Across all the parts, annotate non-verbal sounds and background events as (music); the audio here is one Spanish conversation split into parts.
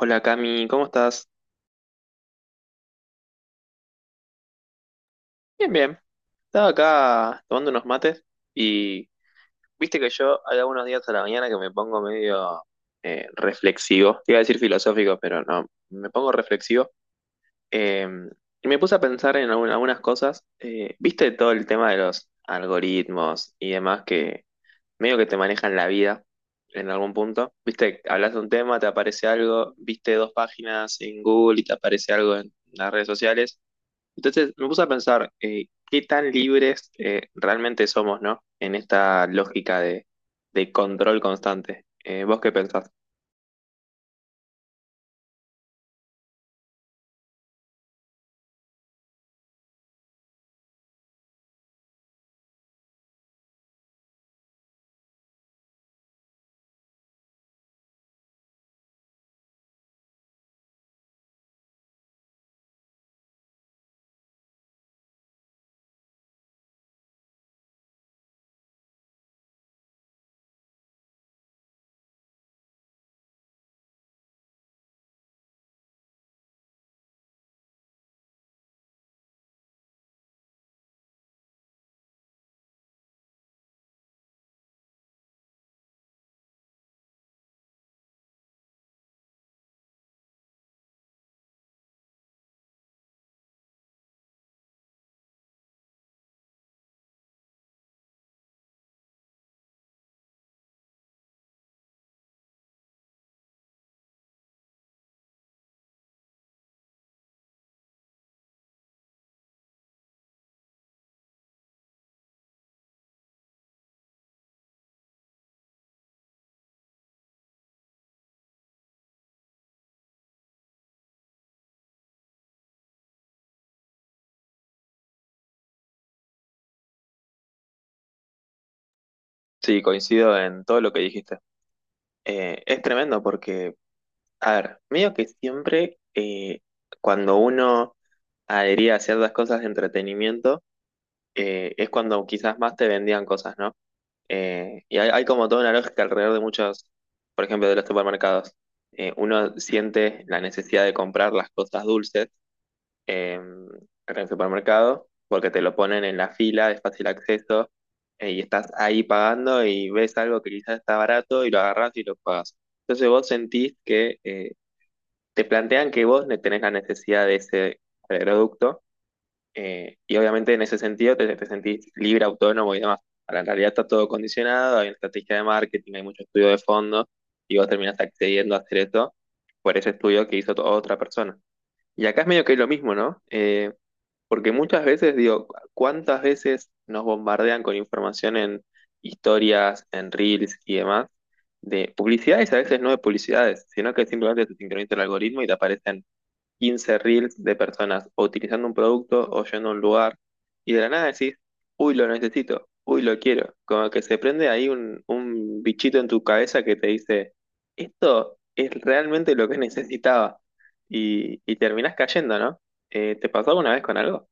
Hola Cami, ¿cómo estás? Bien, bien. Estaba acá tomando unos mates y viste que yo hay algunos días a la mañana que me pongo medio reflexivo. Te iba a decir filosófico, pero no, me pongo reflexivo. Eh, y me puse a pensar en algunas cosas. Viste todo el tema de los algoritmos y demás que medio que te manejan la vida en algún punto. Viste, hablas de un tema, te aparece algo, viste dos páginas en Google y te aparece algo en las redes sociales. Entonces, me puse a pensar qué tan libres realmente somos, ¿no? En esta lógica de control constante. ¿Vos qué pensás? Sí, coincido en todo lo que dijiste. Es tremendo porque, a ver, medio que siempre cuando uno adhería a ciertas cosas de entretenimiento, es cuando quizás más te vendían cosas, ¿no? Y hay como toda una lógica alrededor de muchos, por ejemplo, de los supermercados. Uno siente la necesidad de comprar las cosas dulces en el supermercado porque te lo ponen en la fila de fácil acceso y estás ahí pagando y ves algo que quizás está barato y lo agarras y lo pagas. Entonces vos sentís que te plantean que vos tenés la necesidad de ese producto y obviamente en ese sentido te sentís libre, autónomo y demás. Ahora, en realidad está todo condicionado, hay una estrategia de marketing, hay mucho estudio de fondo, y vos terminás accediendo a hacer esto por ese estudio que hizo otra persona. Y acá es medio que es lo mismo, ¿no? Porque muchas veces, digo, ¿cuántas veces nos bombardean con información en historias, en reels y demás? De publicidades, a veces no de publicidades, sino que simplemente te sincroniza el algoritmo y te aparecen 15 reels de personas o utilizando un producto o yendo a un lugar y de la nada decís, uy, lo necesito, uy, lo quiero. Como que se prende ahí un bichito en tu cabeza que te dice, esto es realmente lo que (laughs) necesitaba y terminás cayendo, ¿no? ¿Te pasó alguna vez con algo?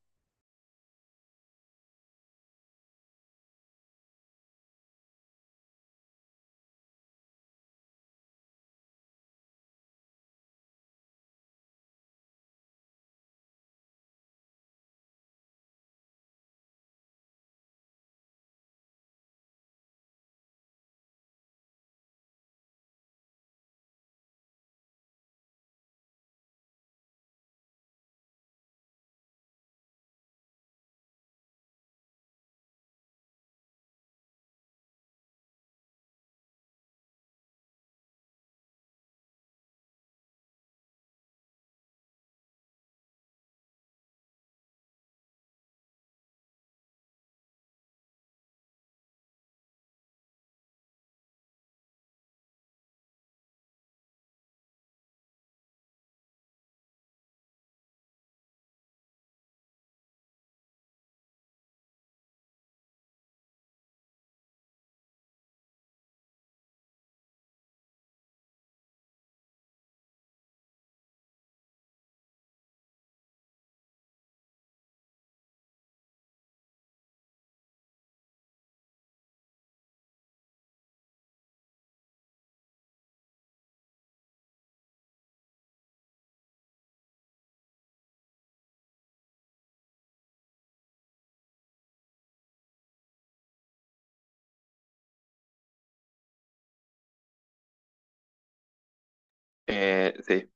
Sí,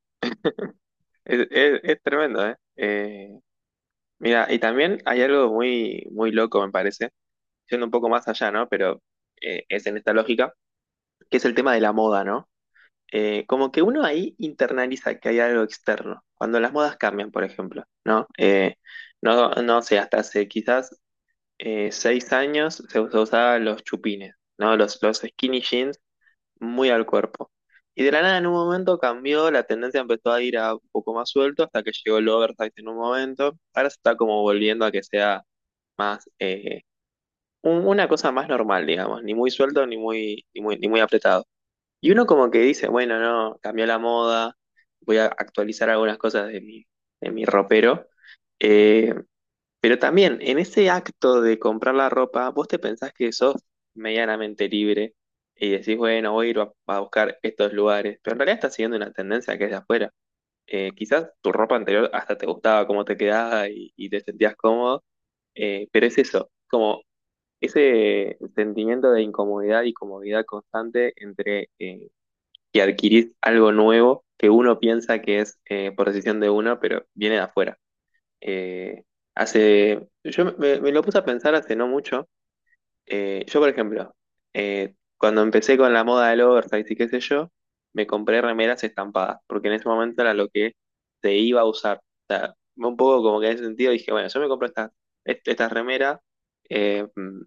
es tremendo, ¿eh? Mira, y también hay algo muy, muy loco, me parece, siendo un poco más allá, ¿no? Pero es en esta lógica, que es el tema de la moda, ¿no? Como que uno ahí internaliza que hay algo externo. Cuando las modas cambian, por ejemplo, ¿no? No sé, hasta hace quizás 6 años se usaban los chupines, ¿no? Los skinny jeans muy al cuerpo. Y de la nada en un momento cambió, la tendencia empezó a ir a un poco más suelto hasta que llegó el oversize en un momento. Ahora se está como volviendo a que sea más, una cosa más normal, digamos, ni muy suelto ni muy, ni muy apretado. Y uno como que dice, bueno, no, cambió la moda, voy a actualizar algunas cosas de de mi ropero. Eh, pero también en ese acto de comprar la ropa, vos te pensás que sos medianamente libre y decís, bueno, voy a ir a buscar estos lugares, pero en realidad estás siguiendo una tendencia que es de afuera. Quizás tu ropa anterior hasta te gustaba cómo te quedaba y te sentías cómodo, pero es eso, como ese sentimiento de incomodidad y comodidad constante entre y adquirís algo nuevo que uno piensa que es por decisión de uno, pero viene de afuera. Eh, yo me lo puse a pensar hace no mucho. Yo, por ejemplo, cuando empecé con la moda del oversize y qué sé yo, me compré remeras estampadas, porque en ese momento era lo que se iba a usar. O sea, un poco como que en ese sentido dije, bueno, yo me compro estas remeras, eh, mm,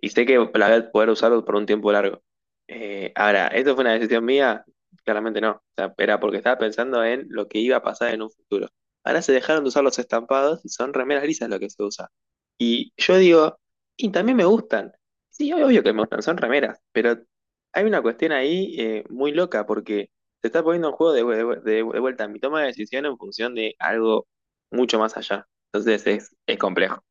y sé que la voy a poder usar por un tiempo largo. Ahora, ¿esto fue una decisión mía? Claramente no. O sea, era porque estaba pensando en lo que iba a pasar en un futuro. Ahora se dejaron de usar los estampados y son remeras lisas lo que se usa. Y yo digo, y también me gustan. Sí, obvio que me gustan, son remeras, pero hay una cuestión ahí muy loca porque se está poniendo en juego de vuelta mi toma de decisión en función de algo mucho más allá. Entonces es complejo.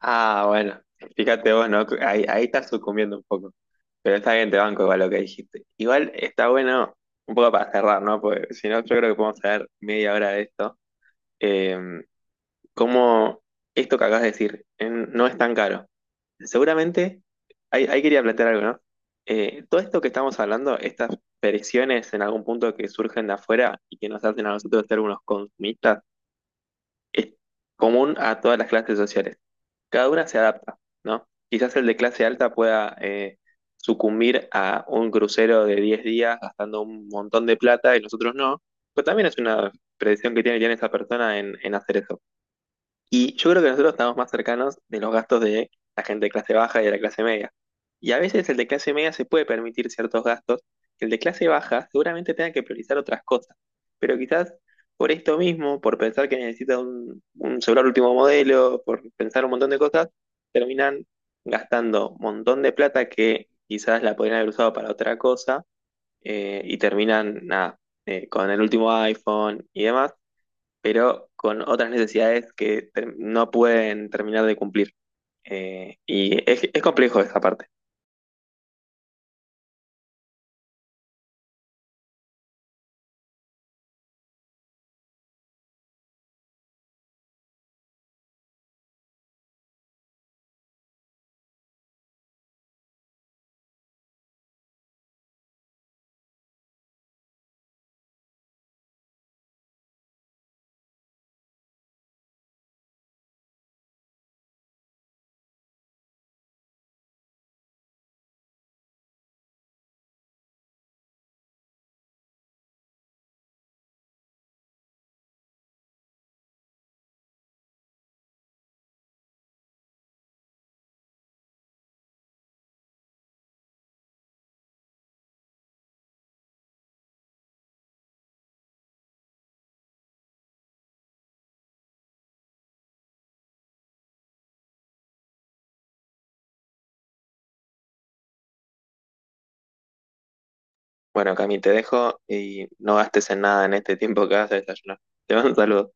Ah, bueno, fíjate vos, ¿no? Ahí estás sucumbiendo un poco. Pero está bien, te banco igual lo que dijiste. Igual está bueno, un poco para cerrar, ¿no? Porque si no, yo creo que podemos hacer media hora de esto. Eh, Cómo esto que acabas de decir, no es tan caro. Seguramente, ahí quería plantear algo, ¿no? Todo esto que estamos hablando, estas presiones en algún punto que surgen de afuera y que nos hacen a nosotros ser unos consumistas, es común a todas las clases sociales. Cada una se adapta, ¿no? Quizás el de clase alta pueda sucumbir a un crucero de 10 días gastando un montón de plata y nosotros no, pero también es una predicción que tiene esa persona en hacer eso. Y yo creo que nosotros estamos más cercanos de los gastos de la gente de clase baja y de la clase media. Y a veces el de clase media se puede permitir ciertos gastos, que el de clase baja seguramente tenga que priorizar otras cosas. Pero quizás por esto mismo, por pensar que necesita un celular último modelo, por pensar un montón de cosas, terminan gastando un montón de plata que quizás la podrían haber usado para otra cosa y terminan nada, con el último iPhone y demás pero con otras necesidades que no pueden terminar de cumplir. Y es complejo esa parte. Bueno, Cami, te dejo y no gastes en nada en este tiempo que vas a desayunar. Te mando un saludo.